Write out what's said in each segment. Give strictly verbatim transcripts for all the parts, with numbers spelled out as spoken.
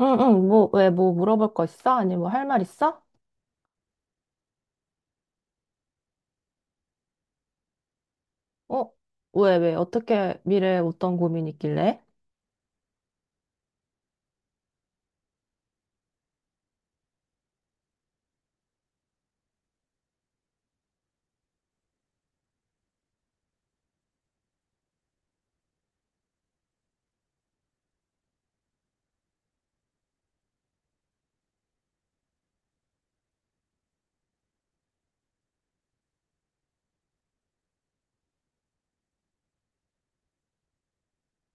응응 뭐 왜 뭐 물어볼 거 있어? 아니 뭐 할 말 있어? 어? 왜 왜 어떻게 미래에 어떤 고민이 있길래?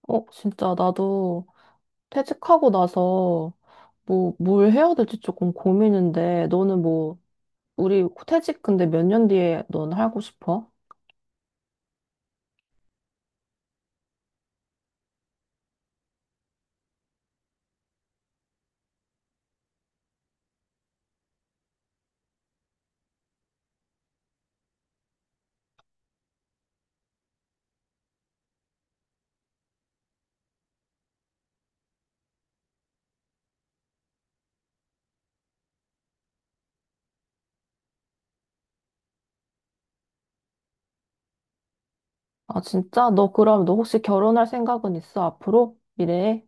어 진짜 나도 퇴직하고 나서 뭐 뭘 해야 될지 조금 고민인데 너는 뭐 우리 퇴직 근데 몇 년 뒤에 넌 하고 싶어? 아 진짜? 너 그럼 너 혹시 결혼할 생각은 있어 앞으로? 미래에?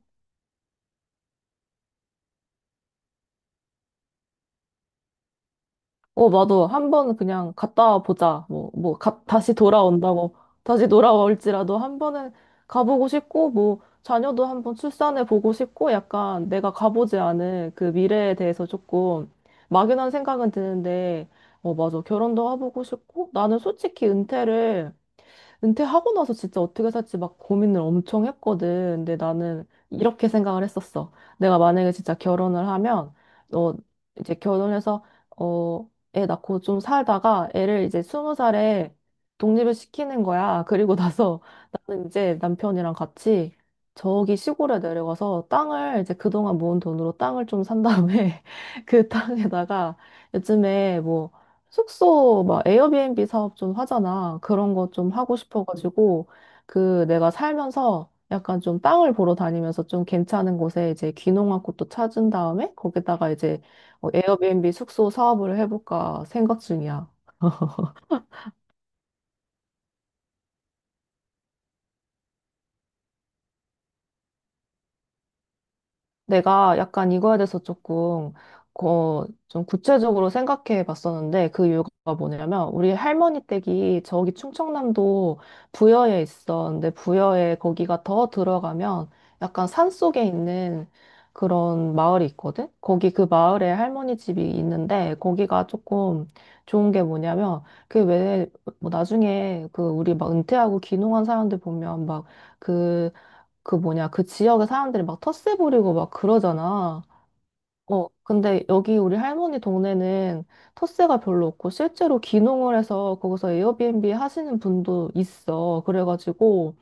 어, 맞아. 한번 그냥 갔다 보자. 뭐, 뭐, 가, 다시 돌아온다고. 다시 돌아올지라도 한 번은 가보고 싶고, 뭐, 자녀도 한번 출산해 보고 싶고, 약간 내가 가보지 않은 그 미래에 대해서 조금 막연한 생각은 드는데, 어, 맞아. 결혼도 해보고 싶고, 나는 솔직히 은퇴를 은퇴하고 나서 진짜 어떻게 살지 막 고민을 엄청 했거든. 근데 나는 이렇게 생각을 했었어. 내가 만약에 진짜 결혼을 하면, 어, 이제 결혼해서, 어, 애 낳고 좀 살다가 애를 이제 스무 살에 독립을 시키는 거야. 그리고 나서 나는 이제 남편이랑 같이 저기 시골에 내려가서 땅을 이제 그동안 모은 돈으로 땅을 좀 산 다음에 그 땅에다가 요즘에 뭐 숙소 막 에어비앤비 사업 좀 하잖아. 그런 거 좀 하고 싶어가지고 그 내가 살면서 약간 좀 땅을 보러 다니면서 좀 괜찮은 곳에 이제 귀농한 곳도 찾은 다음에 거기다가 이제 어, 에어비앤비 숙소 사업을 해볼까 생각 중이야. 내가 약간 이거에 대해서 조금 어, 좀 구체적으로 생각해 봤었는데 그 이유가 뭐냐면 우리 할머니 댁이 저기 충청남도 부여에 있어. 근데 부여에 거기가 더 들어가면 약간 산 속에 있는 그런 마을이 있거든? 거기 그 마을에 할머니 집이 있는데 거기가 조금 좋은 게 뭐냐면 그왜 뭐 나중에 그 우리 막 은퇴하고 귀농한 사람들 보면 막그 그 뭐냐, 그 지역의 사람들이 막 텃세 부리고 막 그러잖아. 어, 근데 여기 우리 할머니 동네는 텃세가 별로 없고 실제로 귀농을 해서 거기서 에어비앤비 하시는 분도 있어. 그래가지고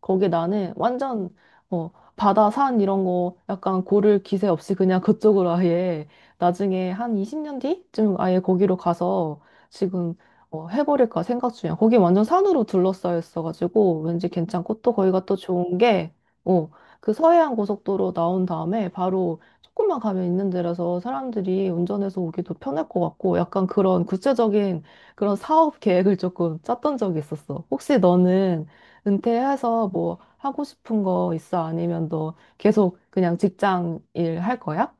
거기 나는 완전 어, 바다, 산 이런 거 약간 고를 기세 없이 그냥 그쪽으로 아예 나중에 한 이십 년 뒤쯤 아예 거기로 가서 지금 어, 해버릴까 생각 중이야. 거기 완전 산으로 둘러싸여 있어가지고 왠지 괜찮고 또 거기가 또 좋은 게 어, 그 서해안 고속도로 나온 다음에 바로 조금만 가면 있는 데라서 사람들이 운전해서 오기도 편할 것 같고 약간 그런 구체적인 그런 사업 계획을 조금 짰던 적이 있었어. 혹시 너는 은퇴해서 뭐 하고 싶은 거 있어? 아니면 너 계속 그냥 직장 일 할 거야?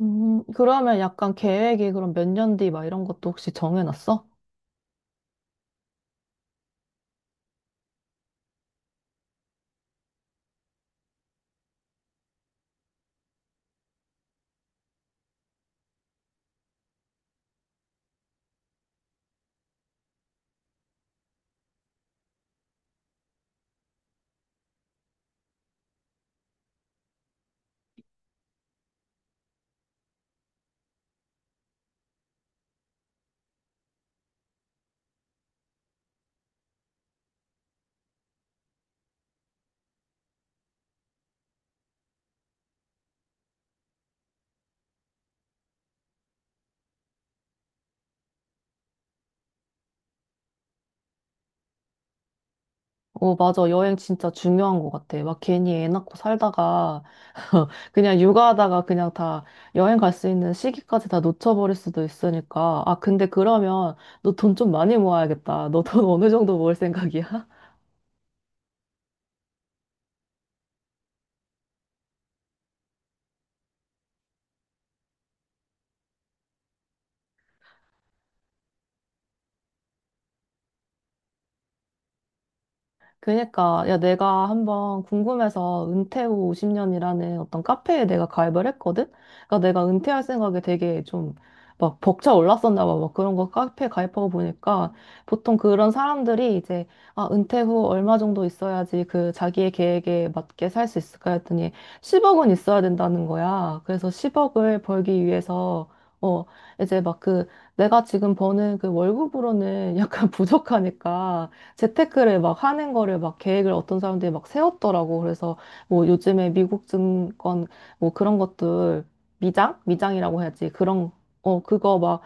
음, 그러면 약간 계획이 그럼 몇 년 뒤 막 이런 것도 혹시 정해놨어? 어, 맞아. 여행 진짜 중요한 것 같아. 막 괜히 애 낳고 살다가 그냥 육아하다가 그냥 다 여행 갈 수 있는 시기까지 다 놓쳐버릴 수도 있으니까. 아, 근데 그러면 너 돈 좀 많이 모아야겠다. 너 돈 어느 정도 모을 생각이야? 그니까, 야, 내가 한번 궁금해서 은퇴 후 오십 년이라는 어떤 카페에 내가 가입을 했거든? 그러니까 내가 은퇴할 생각에 되게 좀 막 벅차 올랐었나 봐. 막 그런 거 카페 가입하고 보니까 보통 그런 사람들이 이제, 아, 은퇴 후 얼마 정도 있어야지 그 자기의 계획에 맞게 살 수 있을까 했더니 십억은 있어야 된다는 거야. 그래서 십억을 벌기 위해서, 어, 이제 막 그 내가 지금 버는 그 월급으로는 약간 부족하니까 재테크를 막 하는 거를 막 계획을 어떤 사람들이 막 세웠더라고. 그래서 뭐 요즘에 미국 증권 뭐 그런 것들 미장? 미장이라고 해야지. 그런, 어, 그거 막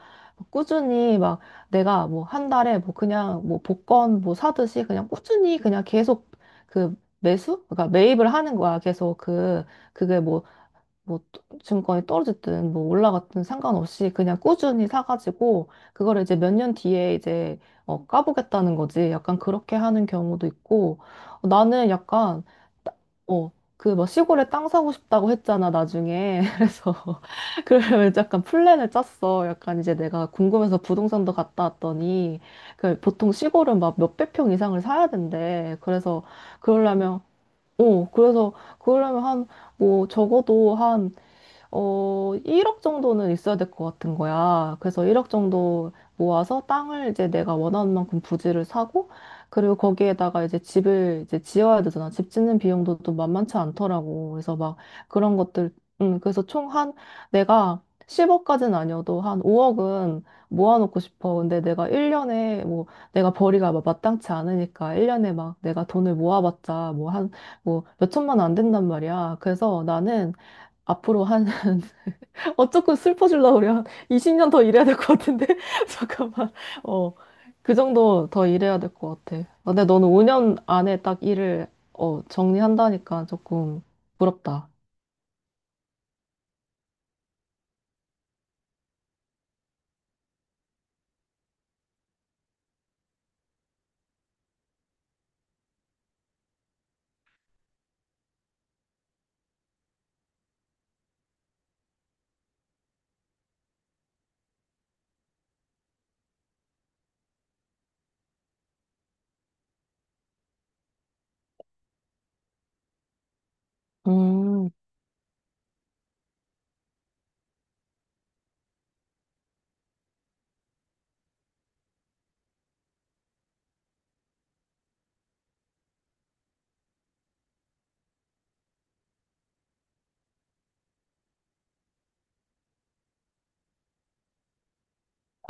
꾸준히 막 내가 뭐 한 달에 뭐 그냥 뭐 복권 뭐 사듯이 그냥 꾸준히 그냥 계속 그 매수? 그러니까 매입을 하는 거야. 계속 그, 그게 뭐 뭐 또- 증권이 떨어졌든 뭐 올라갔든 상관없이 그냥 꾸준히 사가지고 그걸 이제 몇 년 뒤에 이제 어, 까보겠다는 거지. 약간 그렇게 하는 경우도 있고 어, 나는 약간 어, 그 뭐 시골에 땅 사고 싶다고 했잖아 나중에 그래서 그러면 약간 플랜을 짰어. 약간 이제 내가 궁금해서 부동산도 갔다 왔더니 그 보통 시골은 막 몇백 평 이상을 사야 된대. 그래서 그러려면 어 그래서 그러려면 한 뭐 적어도 한 어, 일억 정도는 있어야 될 것 같은 거야. 그래서 일억 정도 모아서 땅을 이제 내가 원하는 만큼 부지를 사고, 그리고 거기에다가 이제 집을 이제 지어야 되잖아. 집 짓는 비용도 또 만만치 않더라고. 그래서 막 그런 것들, 음, 그래서 총 한, 내가 십억까지는 아니어도 한 오억은 모아놓고 싶어. 근데 내가 일 년에 뭐 내가 벌이가 막 마땅치 않으니까 일 년에 막 내가 돈을 모아봤자 뭐 한, 뭐 몇천만 원 안 된단 말이야. 그래서 나는 앞으로 한 어쨌건 슬퍼지려고 그래. 한 이십 년 더 일해야 될 것 같은데? 잠깐만. 어, 그 정도 더 일해야 될 것 같아. 근데 너는 오 년 안에 딱 일을, 어, 정리한다니까 조금 부럽다. 음.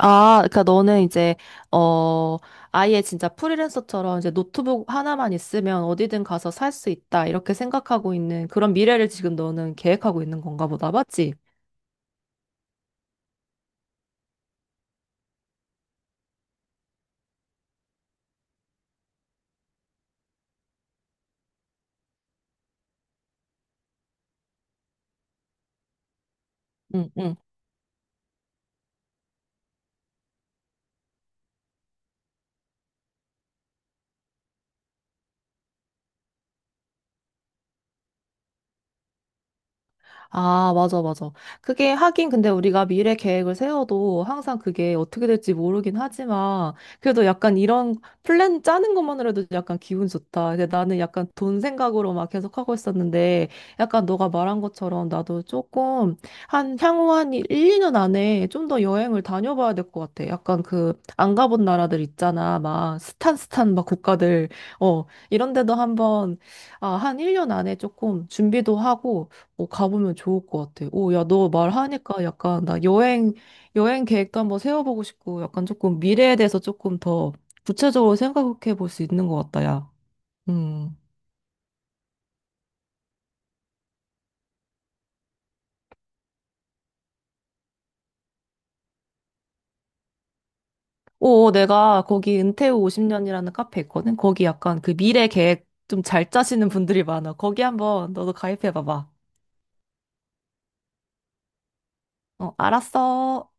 아, 그러니까 너는 이제 어 아예 진짜 프리랜서처럼 이제 노트북 하나만 있으면 어디든 가서 살 수 있다 이렇게 생각하고 있는 그런 미래를 지금 너는 계획하고 있는 건가 보다, 맞지? 응, 응. 아, 맞아, 맞아. 그게 하긴 근데 우리가 미래 계획을 세워도 항상 그게 어떻게 될지 모르긴 하지만 그래도 약간 이런 플랜 짜는 것만으로도 약간 기분 좋다. 근데 나는 약간 돈 생각으로 막 계속 하고 있었는데 약간 너가 말한 것처럼 나도 조금 한 향후 한 일, 이 년 안에 좀 더 여행을 다녀봐야 될 것 같아. 약간 그 안 가본 나라들 있잖아. 막 스탄스탄 막 국가들. 어, 이런 데도 한번 아, 한 일 년 안에 조금 준비도 하고 어, 가보면 좋을 것 같아. 오, 야, 너 말하니까 약간 나 여행, 여행 계획도 한번 세워보고 싶고 약간 조금 미래에 대해서 조금 더 구체적으로 생각해 볼 수 있는 것 같다, 야. 음. 오, 어, 내가 거기 은퇴 후 오십 년이라는 카페 있거든? 거기 약간 그 미래 계획 좀 잘 짜시는 분들이 많아. 거기 한번 너도 가입해 봐봐. 어, 알았어.